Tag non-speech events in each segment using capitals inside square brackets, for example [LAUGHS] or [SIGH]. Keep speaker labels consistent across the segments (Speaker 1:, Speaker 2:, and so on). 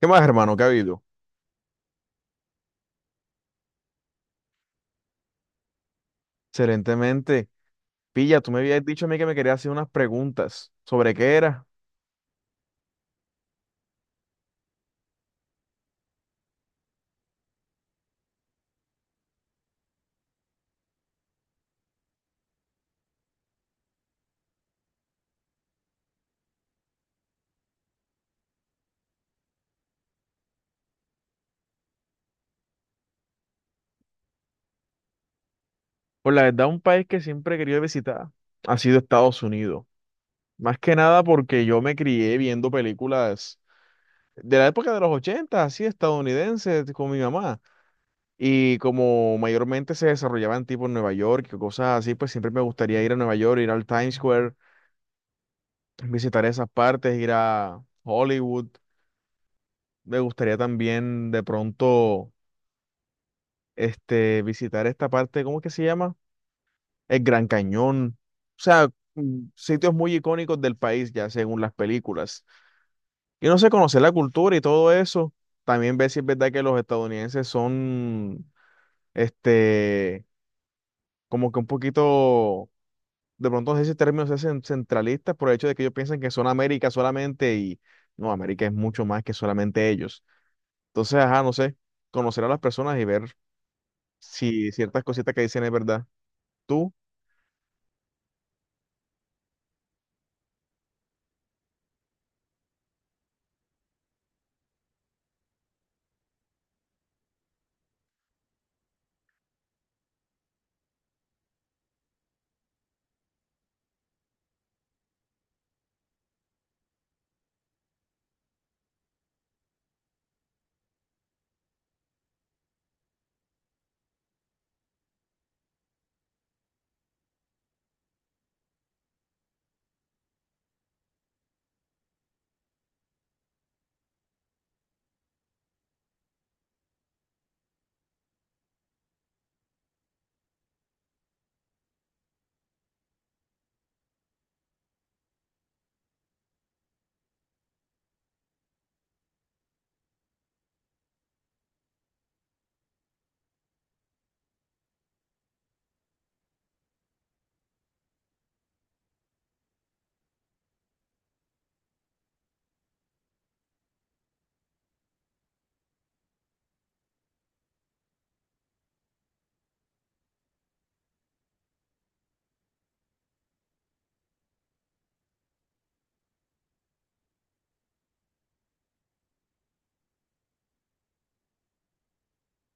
Speaker 1: ¿Qué más, hermano? ¿Qué ha habido? Excelentemente. Pilla, tú me habías dicho a mí que me querías hacer unas preguntas. ¿Sobre qué era? Pues la verdad, un país que siempre he querido visitar ha sido Estados Unidos. Más que nada porque yo me crié viendo películas de la época de los 80, así estadounidenses, con mi mamá. Y como mayormente se desarrollaban tipo en Nueva York y cosas así, pues siempre me gustaría ir a Nueva York, ir al Times Square, visitar esas partes, ir a Hollywood. Me gustaría también de pronto visitar esta parte, ¿cómo es que se llama? El Gran Cañón. O sea, sitios muy icónicos del país, ya según las películas. Y no sé, conocer la cultura y todo eso. También ver si es verdad que los estadounidenses son, este, como que un poquito, de pronto no sé si el término sea centralistas por el hecho de que ellos piensan que son América solamente y no, América es mucho más que solamente ellos. Entonces, ajá, no sé, conocer a las personas y ver si ciertas cositas que dicen es verdad. ¿Tú?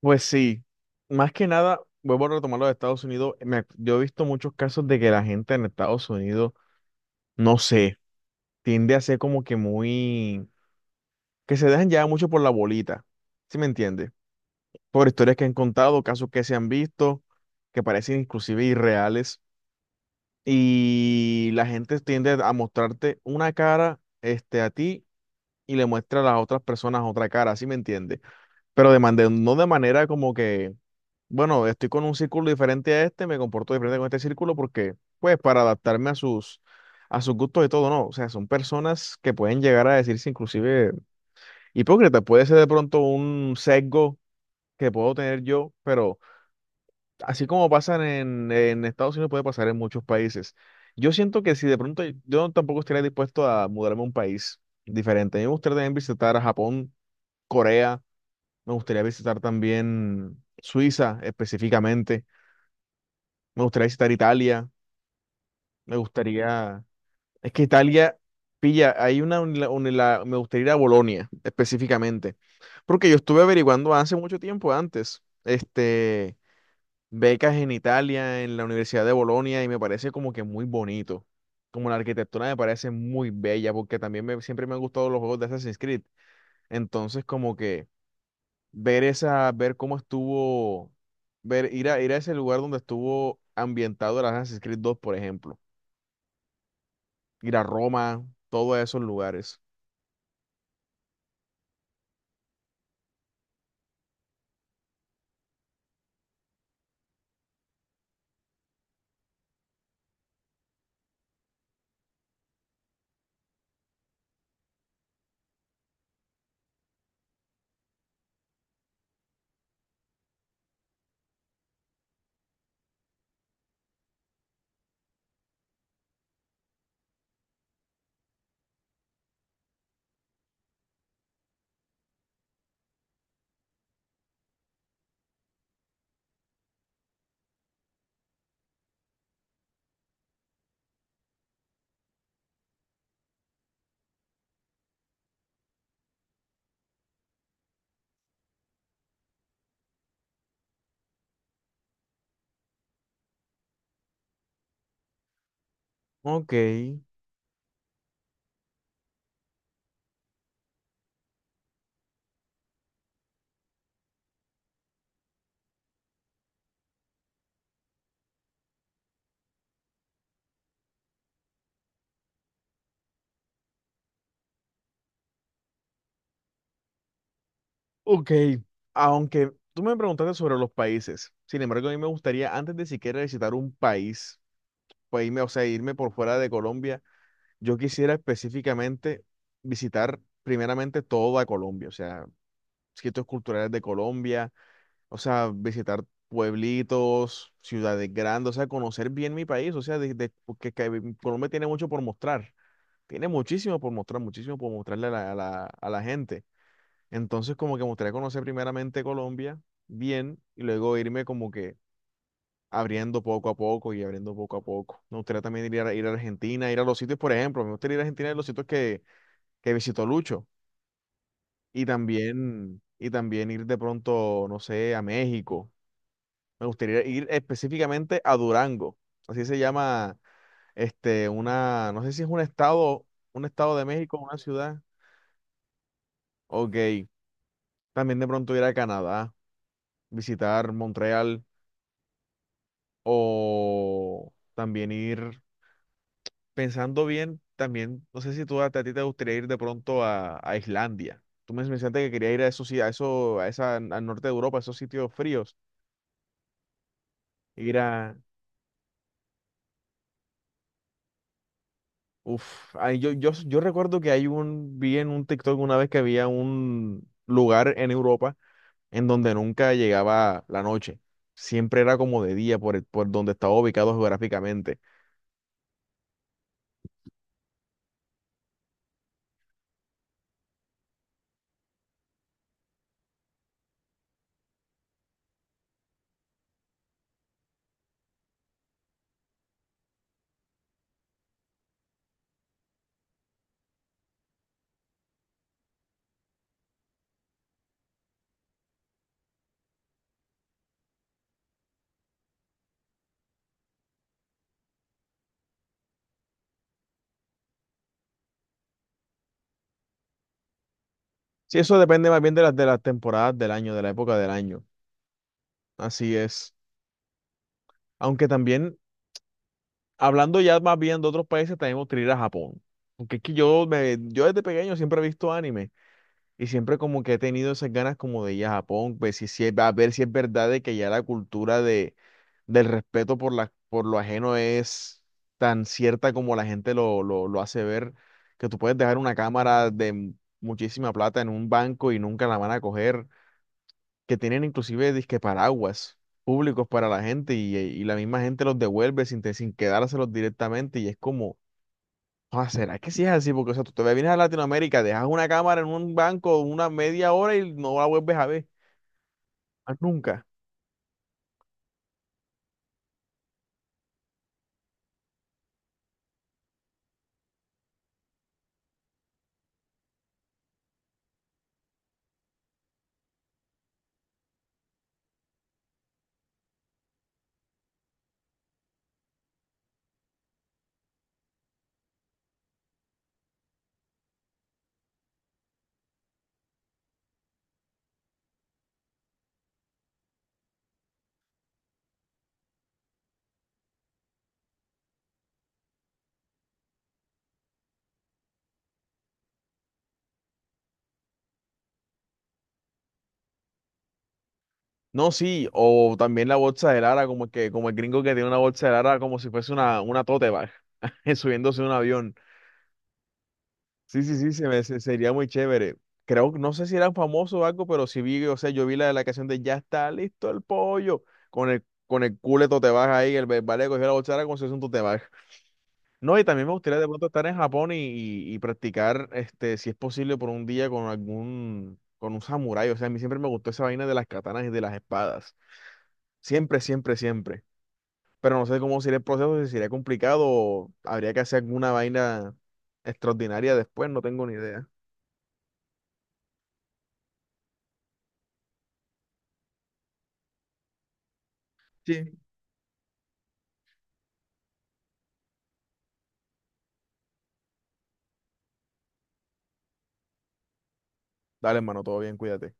Speaker 1: Pues sí, más que nada, vuelvo a retomar lo de Estados Unidos. Yo he visto muchos casos de que la gente en Estados Unidos, no sé, tiende a ser como que muy, que se dejan llevar mucho por la bolita, ¿sí me entiendes? Por historias que han contado, casos que se han visto, que parecen inclusive irreales, y la gente tiende a mostrarte una cara, a ti y le muestra a las otras personas otra cara, ¿sí me entiendes? Pero no de manera como que, bueno, estoy con un círculo diferente a este, me comporto diferente con este círculo porque, pues, para adaptarme a sus, gustos y todo, no. O sea, son personas que pueden llegar a decirse inclusive hipócritas. Puede ser de pronto un sesgo que puedo tener yo, pero así como pasan en Estados Unidos, puede pasar en muchos países. Yo siento que si de pronto yo tampoco estaría dispuesto a mudarme a un país diferente. A mí me gustaría también visitar Japón, Corea, me gustaría visitar también Suiza específicamente. Me gustaría visitar Italia. Me gustaría... Es que Italia, pilla, hay me gustaría ir a Bolonia específicamente. Porque yo estuve averiguando hace mucho tiempo antes, becas en Italia, en la Universidad de Bolonia, y me parece como que muy bonito. Como la arquitectura me parece muy bella, porque también siempre me han gustado los juegos de Assassin's Creed. Entonces, como que... ver cómo estuvo, ir a ese lugar donde estuvo ambientado el Assassin's Creed dos, por ejemplo. Ir a Roma, todos esos lugares. Ok, ok. Aunque tú me preguntaste sobre los países, sin embargo, a mí me gustaría, antes de siquiera visitar un país, pues irme, o sea, irme por fuera de Colombia, yo quisiera específicamente visitar primeramente toda Colombia, o sea, sitios culturales de Colombia. O sea, visitar pueblitos, ciudades grandes, o sea, conocer bien mi país, o sea, porque que Colombia tiene mucho por mostrar, tiene muchísimo por mostrar, muchísimo por mostrarle a la, a la gente. Entonces, como que me gustaría conocer primeramente Colombia bien y luego irme como que abriendo poco a poco y abriendo poco a poco. Me gustaría también ir a, Argentina, ir a los sitios, por ejemplo, me gustaría ir a Argentina de los sitios que visitó Lucho y también ir de pronto, no sé, a México. Me gustaría ir específicamente a Durango. Así se llama, una, no sé si es un estado de México, una ciudad. Ok. También de pronto ir a Canadá, visitar Montreal o también ir, pensando bien, también, no sé si tú a, ti te gustaría ir de pronto a, Islandia. Tú me mencionaste que quería ir a esos, a eso, a esa, al norte de Europa, a esos sitios fríos, ir a uf, ay, yo recuerdo que hay vi en un TikTok una vez que había un lugar en Europa en donde nunca llegaba la noche. Siempre era como de día por donde estaba ubicado geográficamente. Sí, eso depende más bien de las temporadas del año, de la época del año. Así es. Aunque también, hablando ya más bien de otros países, también podría ir a Japón. Porque es que yo desde pequeño siempre he visto anime. Y siempre como que he tenido esas ganas como de ir a Japón, ver a ver si es verdad de que ya la cultura del respeto por lo ajeno es tan cierta como la gente lo hace ver, que tú puedes dejar una cámara de muchísima plata en un banco y nunca la van a coger, que tienen inclusive disque paraguas públicos para la gente y la misma gente los devuelve sin quedárselos directamente y es como... Ah, ¿será que sí es así? Porque, o sea, tú te vienes a Latinoamérica, dejas una cámara en un banco una media hora y no la vuelves a ver, más nunca. No, sí, o también la bolsa de Lara, como el gringo que tiene una bolsa de Lara como si fuese una tote bag, [LAUGHS] subiéndose a un avión. Sí, sí, sí, sería muy chévere. Creo, no sé si eran famosos o algo, pero sí vi, o sea, yo vi la de la canción de Ya está listo el pollo, con el, culo de tote bag ahí, el vale cogió la bolsa de Lara como si fuese un tote bag. No, y también me gustaría de pronto estar en Japón y practicar, si es posible, por un día con un samurái. O sea, a mí siempre me gustó esa vaina de las katanas y de las espadas. Siempre, siempre, siempre. Pero no sé cómo sería el proceso, si sería complicado o habría que hacer alguna vaina extraordinaria después, no tengo ni idea. Sí. Dale, hermano, todo bien, cuídate.